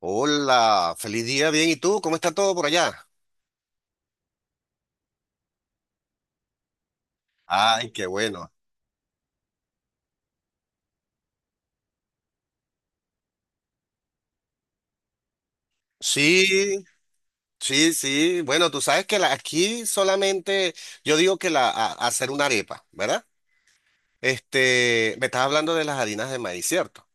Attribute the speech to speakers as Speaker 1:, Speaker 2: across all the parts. Speaker 1: Hola, feliz día, bien. ¿Y tú? ¿Cómo está todo por allá? Ay, qué bueno. Sí, sí, sí. Bueno, tú sabes que aquí solamente, yo digo que hacer una arepa, ¿verdad? Este, me estás hablando de las harinas de maíz, ¿cierto?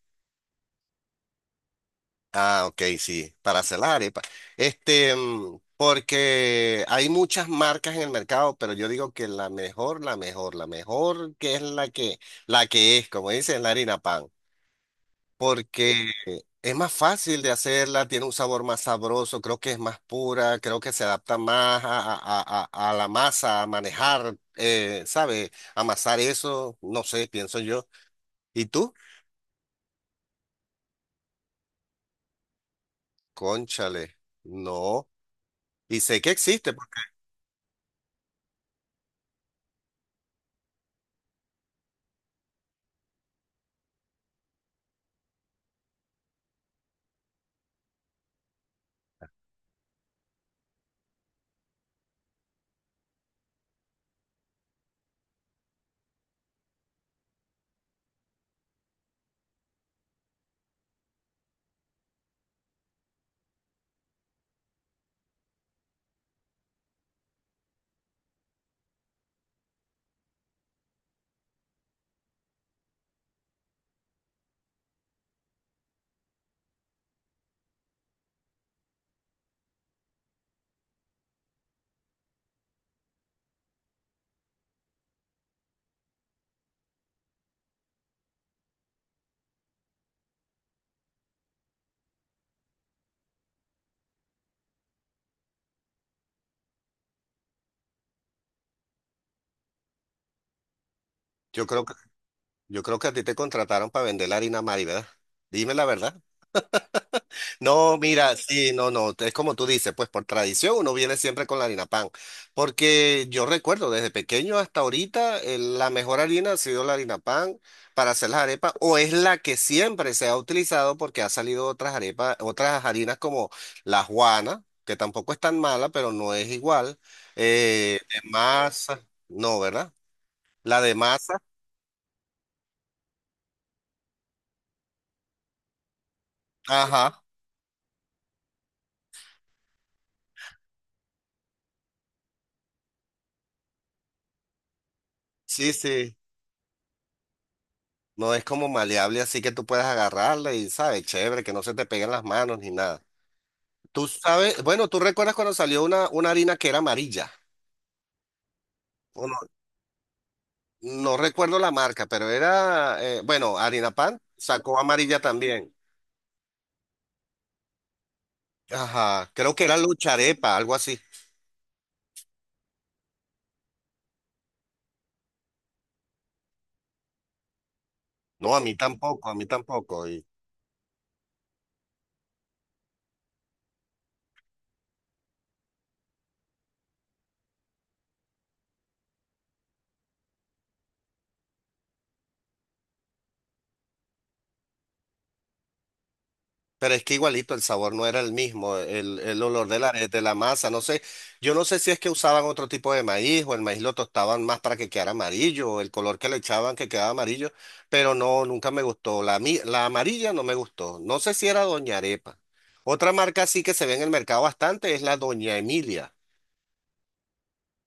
Speaker 1: Ah, ok, sí, para hacer las arepas. Este, porque hay muchas marcas en el mercado, pero yo digo que la mejor, la mejor, la mejor que es la que es, como dicen, la harina pan. Porque es más fácil de hacerla, tiene un sabor más sabroso, creo que es más pura, creo que se adapta más a la masa, a manejar, ¿sabe? Amasar eso, no sé, pienso yo. ¿Y tú? Cónchale, no. Y sé que existe, porque yo creo que, yo creo que a ti te contrataron para vender la harina Mari, ¿verdad? Dime la verdad. No, mira, sí, no, no, es como tú dices, pues por tradición uno viene siempre con la harina pan, porque yo recuerdo desde pequeño hasta ahorita la mejor harina ha sido la harina pan para hacer las arepas o es la que siempre se ha utilizado porque ha salido otras arepas, otras harinas como la juana, que tampoco es tan mala, pero no es igual, de masa, no, ¿verdad? La de masa, ajá, sí, sí. No es como maleable, así que tú puedes agarrarla y, ¿sabes? Chévere, que no se te peguen las manos ni nada. Tú sabes, bueno, tú recuerdas cuando salió una harina que era amarilla. O no, no recuerdo la marca, pero era, bueno, harina pan sacó amarilla también. Ajá, creo que era lucharepa, algo así. No, a mí tampoco, a mí tampoco. Y. Pero es que igualito el sabor no era el mismo, el olor de de la masa, no sé, yo no sé si es que usaban otro tipo de maíz o el maíz lo tostaban más para que quedara amarillo, o el color que le echaban que quedaba amarillo, pero no, nunca me gustó, la amarilla no me gustó, no sé si era Doña Arepa. Otra marca sí que se ve en el mercado bastante es la Doña Emilia,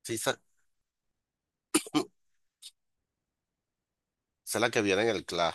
Speaker 1: sí, esa es la que viene en el Clash.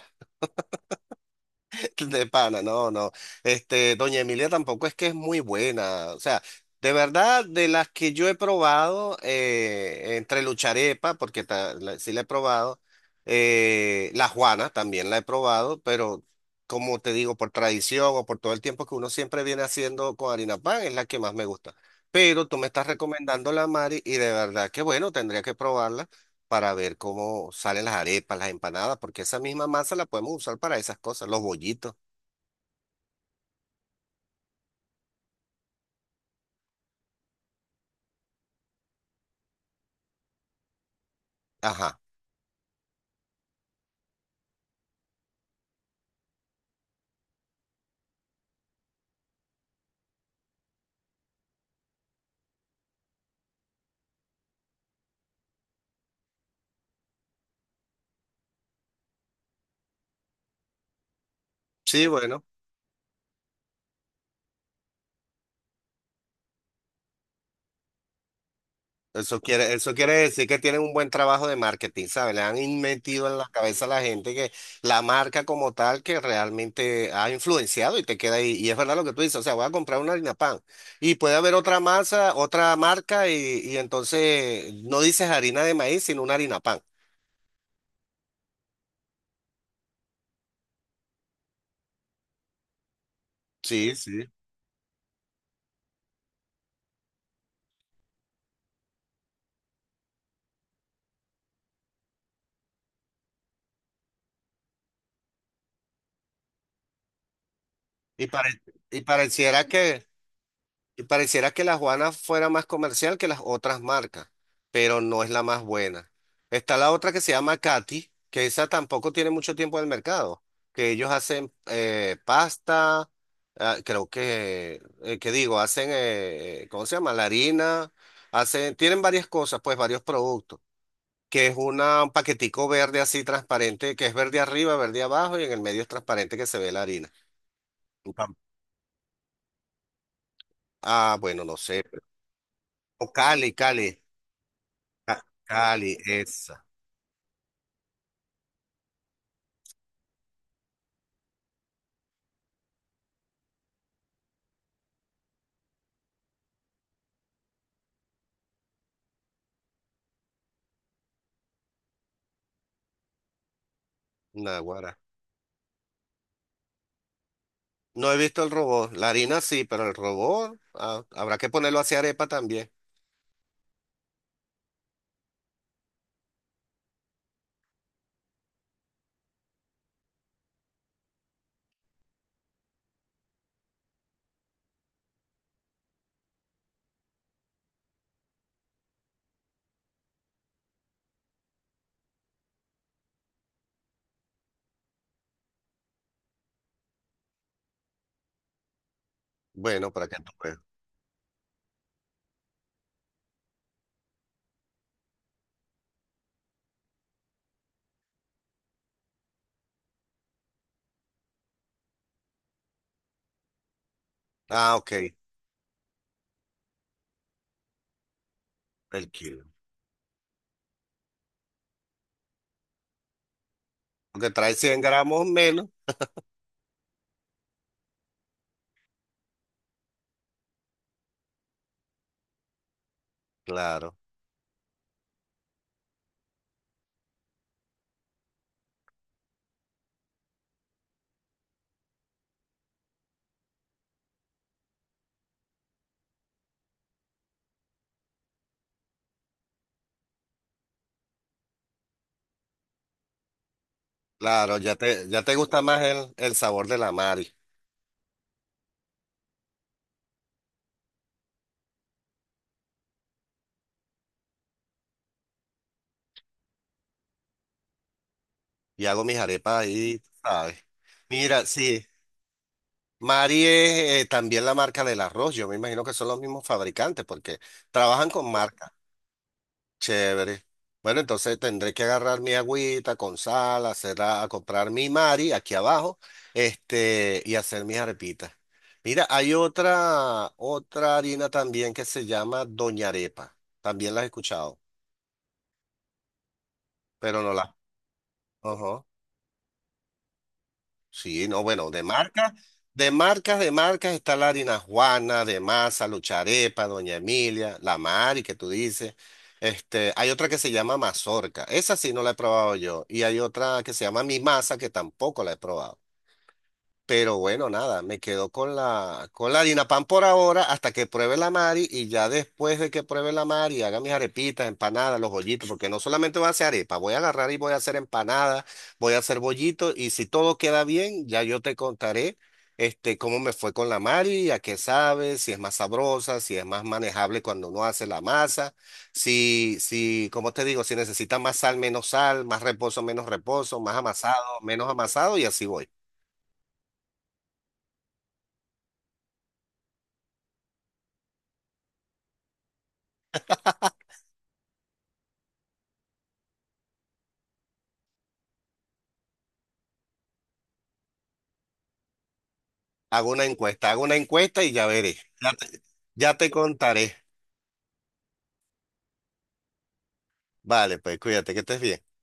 Speaker 1: De pana, no, no. Este, Doña Emilia tampoco es que es muy buena. O sea, de verdad, de las que yo he probado, entre Lucharepa, porque sí la he probado, la Juana también la he probado, pero como te digo, por tradición o por todo el tiempo que uno siempre viene haciendo con harina pan, es la que más me gusta. Pero tú me estás recomendando la Mari y de verdad que bueno, tendría que probarla para ver cómo salen las arepas, las empanadas, porque esa misma masa la podemos usar para esas cosas, los bollitos. Ajá. Sí, bueno, eso quiere decir que tienen un buen trabajo de marketing, ¿sabes? Le han metido en la cabeza a la gente que la marca como tal que realmente ha influenciado y te queda ahí. Y es verdad lo que tú dices, o sea, voy a comprar una harina pan y puede haber otra masa, otra marca y entonces no dices harina de maíz, sino una harina pan. Sí, sí. Y, pare- y pareciera que... Y pareciera que la Juana fuera más comercial que las otras marcas, pero no es la más buena. Está la otra que se llama Katy, que esa tampoco tiene mucho tiempo en el mercado, que ellos hacen pasta, ah, creo que, ¿qué digo? Hacen, ¿cómo se llama? La harina, hacen, tienen varias cosas, pues varios productos, que es una, un paquetico verde así transparente, que es verde arriba, verde abajo y en el medio es transparente que se ve la harina. Ah, bueno, no sé. O Cali, Cali. Cali, esa, naguará. No he visto el robot. La harina sí, pero el robot ah, habrá que ponerlo hacia arepa también. Bueno, para que tú veas. Ah, ok, el kilo. Porque trae 100 gramos menos. Claro, claro, ya te gusta más el sabor de la Mari. Y hago mis arepas ahí, ¿sabes? Mira, sí, Mari es también la marca del arroz. Yo me imagino que son los mismos fabricantes porque trabajan con marcas. Chévere. Bueno, entonces tendré que agarrar mi agüita con sal, hacer a comprar mi Mari aquí abajo, este, y hacer mis arepitas. Mira, hay otra harina también que se llama Doña Arepa. También la he escuchado, pero no la. Ajá. Sí, no, bueno, de marcas está la harina Juana, de masa, Lucharepa, Doña Emilia, la Mari que tú dices. Este, hay otra que se llama mazorca, esa sí no la he probado yo, y hay otra que se llama mi masa que tampoco la he probado. Pero bueno, nada, me quedo con la Pan por ahora hasta que pruebe la Mari y ya después de que pruebe la Mari haga mis arepitas, empanadas, los bollitos, porque no solamente voy a hacer arepa, voy a agarrar y voy a hacer empanadas, voy a hacer bollitos y si todo queda bien, ya yo te contaré este, cómo me fue con la Mari, a qué sabe, si es más sabrosa, si es más manejable cuando uno hace la masa, si, si, como te digo, si necesita más sal, menos sal, más reposo, menos reposo, más amasado, menos amasado y así voy. Hago una encuesta y ya veré. Ya te contaré. Vale, pues cuídate, que estés bien.